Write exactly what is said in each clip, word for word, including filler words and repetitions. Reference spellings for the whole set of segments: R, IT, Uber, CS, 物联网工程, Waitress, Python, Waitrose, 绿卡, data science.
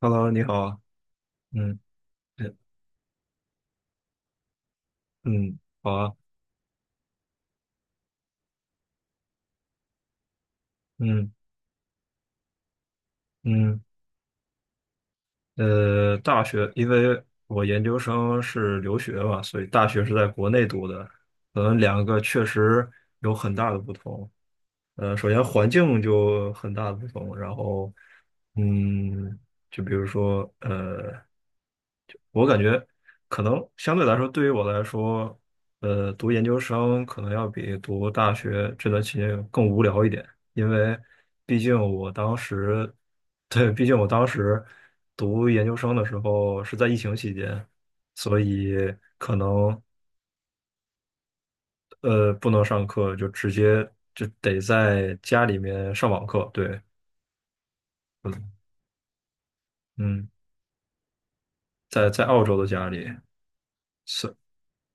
Hello，Hello，你好啊。嗯，嗯，嗯，好啊。嗯嗯，呃，大学，因为我研究生是留学嘛，所以大学是在国内读的，可能两个确实有很大的不同。呃，首先环境就很大的不同，然后，嗯，就比如说，呃，我感觉可能相对来说，对于我来说，呃，读研究生可能要比读大学这段期间更无聊一点。因为毕竟我当时，对，毕竟我当时读研究生的时候是在疫情期间，所以可能呃不能上课，就直接就得在家里面上网课。对。嗯嗯，在在澳洲的家里。所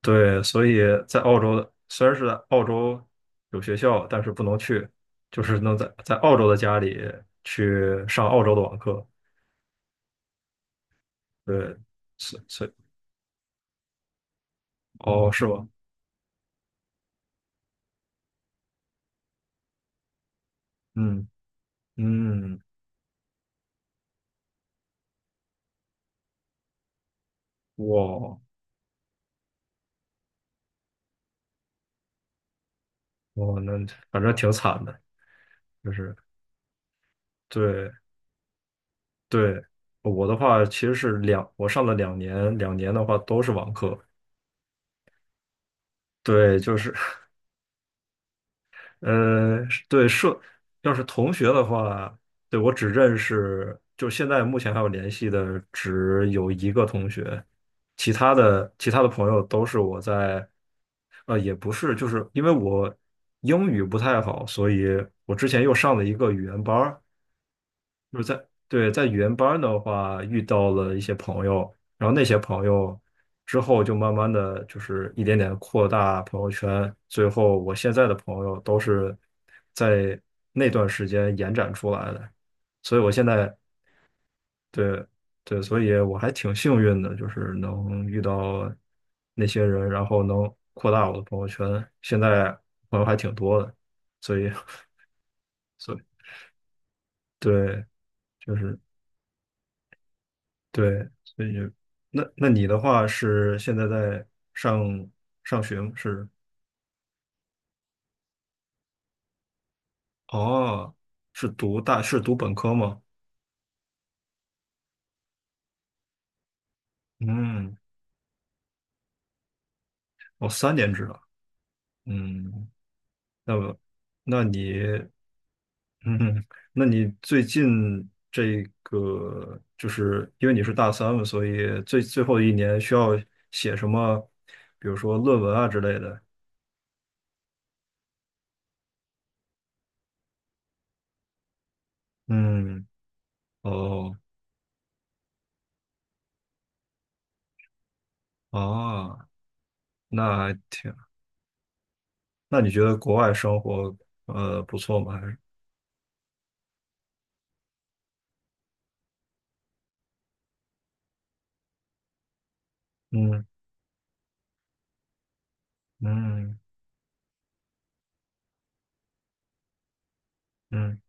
对，所以在澳洲的，虽然是在澳洲有学校，但是不能去，就是能在在澳洲的家里去上澳洲的网课。对。所所以哦，是吗？嗯。嗯，我我那反正挺惨的。就是对对，我的话其实是两，我上了两年，两年的话都是网课。对，就是呃，对社，要是同学的话，对，我只认识，就现在目前还有联系的只有一个同学，其他的其他的朋友都是我在，呃，也不是，就是因为我英语不太好，所以我之前又上了一个语言班儿。就是在对在语言班的话，遇到了一些朋友，然后那些朋友之后就慢慢的，就是一点点扩大朋友圈，最后我现在的朋友都是在那段时间延展出来的，所以我现在对对，所以我还挺幸运的，就是能遇到那些人，然后能扩大我的朋友圈，现在朋友还挺多的。所以 所以对。就是。对，所以就那那你的话是现在在上上学吗？是哦，是读大是读本科吗？嗯，哦，三年制了。嗯，那么那你嗯，那你最近这个，就是因为你是大三嘛，所以最最后一年需要写什么，比如说论文啊之类的。嗯，哦，啊，那还挺。那你觉得国外生活呃不错吗？还是嗯嗯嗯，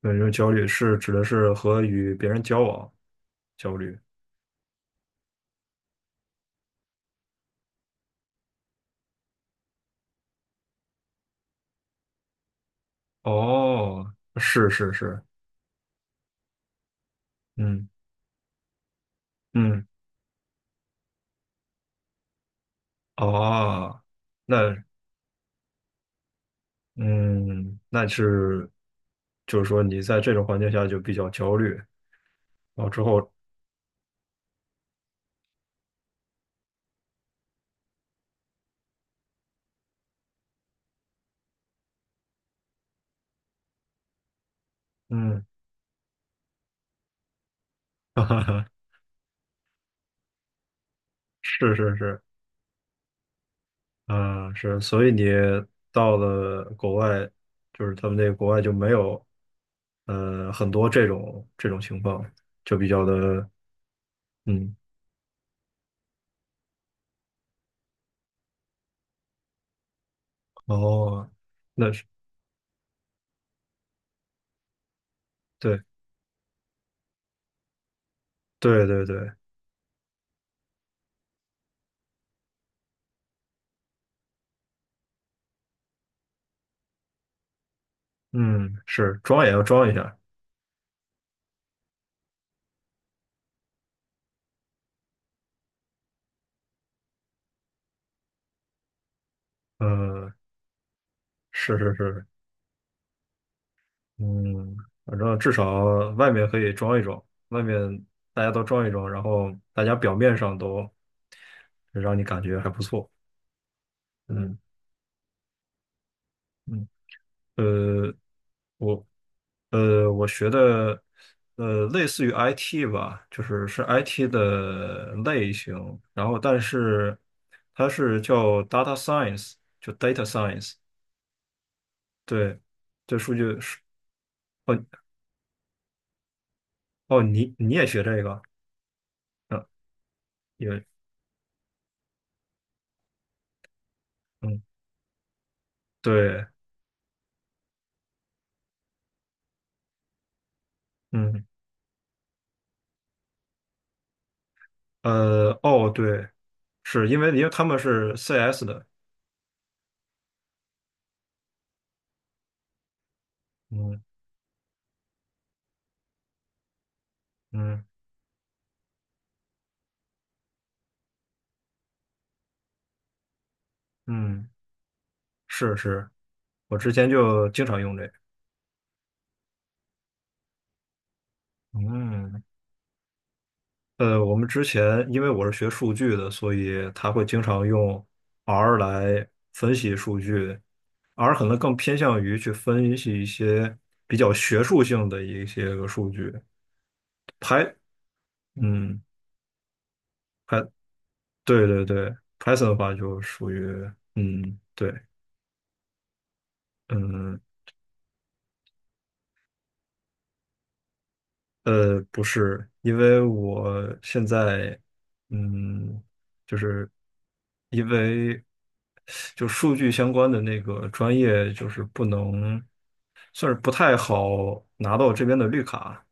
对，就是焦虑，是指的是和与别人交往焦虑。哦，是是是。嗯嗯，哦，那嗯，那是就是说你在这种环境下就比较焦虑，然后之后嗯，哈哈哈，是是是。嗯，是。所以你到了国外，就是他们那个国外就没有，呃，很多这种这种情况，就比较的，嗯，哦，那是对对对对。嗯，是装也要装一下，呃，是是是。嗯，反正至少外面可以装一装，外面大家都装一装，然后大家表面上都让你感觉还不错。嗯嗯，呃。我呃，我学的呃类似于 I T 吧，就是是 I T 的类型，然后但是它是叫 data science，就 data science。对，这数据是哦哦，你你也学这个？嗯，也嗯，对嗯，呃哦，对。是因为因为他们是 C S 的。嗯嗯嗯，是是，我之前就经常用这个。嗯。呃，我们之前因为我是学数据的，所以他会经常用 R 来分析数据。R 可能更偏向于去分析一些比较学术性的一些个数据。Py，嗯，Py，对对对，Python 的话就属于，嗯，对。嗯，呃，不是，因为我现在，嗯，就是因为就数据相关的那个专业就是不能。算是不太好拿到这边的绿卡。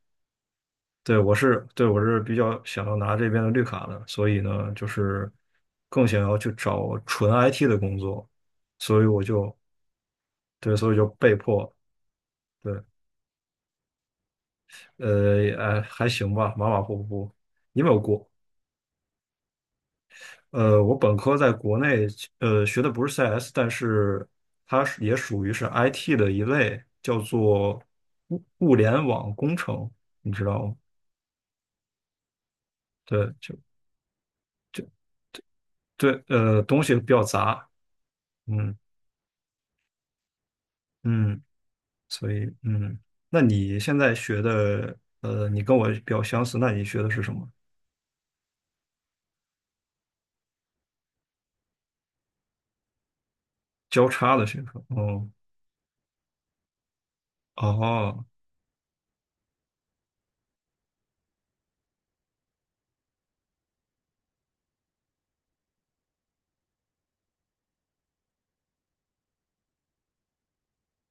对，我是，对，我是比较想要拿这边的绿卡的，所以呢，就是更想要去找纯 I T 的工作，所以我就，对，所以就被迫，对，呃，哎，还行吧，马马虎虎。因为我过。呃，我本科在国内，呃，学的不是 C S，但是它是也属于是 I T 的一类，叫做物物联网工程，你知道吗？对，就就。对，呃，东西比较杂。嗯嗯，所以嗯，那你现在学的，呃，你跟我比较相似，那你学的是什么？交叉的学科，哦哦，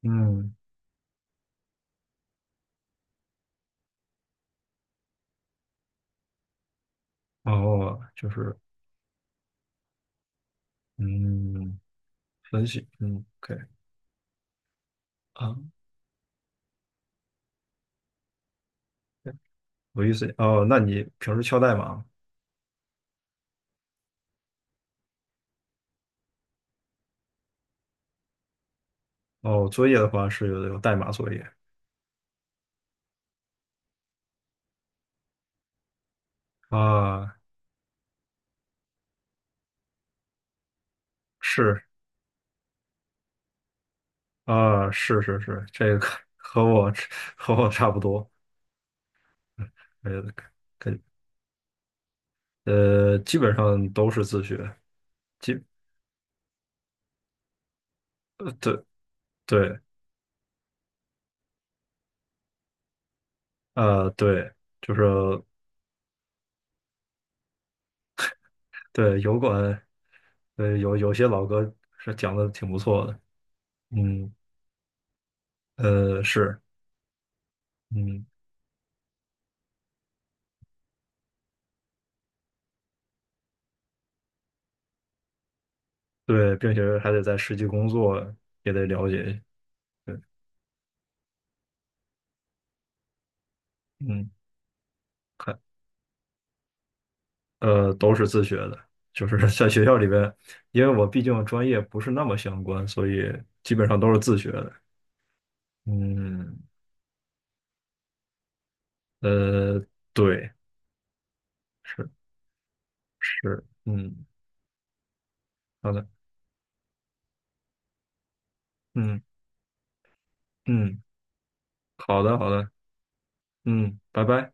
嗯，哦，就是嗯，分析，嗯，OK。 啊，对，有意思哦。那你平时敲代码吗？哦，作业的话是有有代码作业，啊，是啊，是是是，这个 和和我和我差不多。嗯，可以，呃，基本上都是自学。基呃对，对，啊，对，就是对，油管，呃有有些老哥是讲的挺不错的。嗯呃是，嗯，对。并且还得在实际工作也得了解一下，对，嗯，看呃都是自学的，就是 在学校里边，因为我毕竟专业不是那么相关，所以基本上都是自学的。嗯呃对，是是，嗯，好的。嗯嗯，好的好的。嗯，拜拜。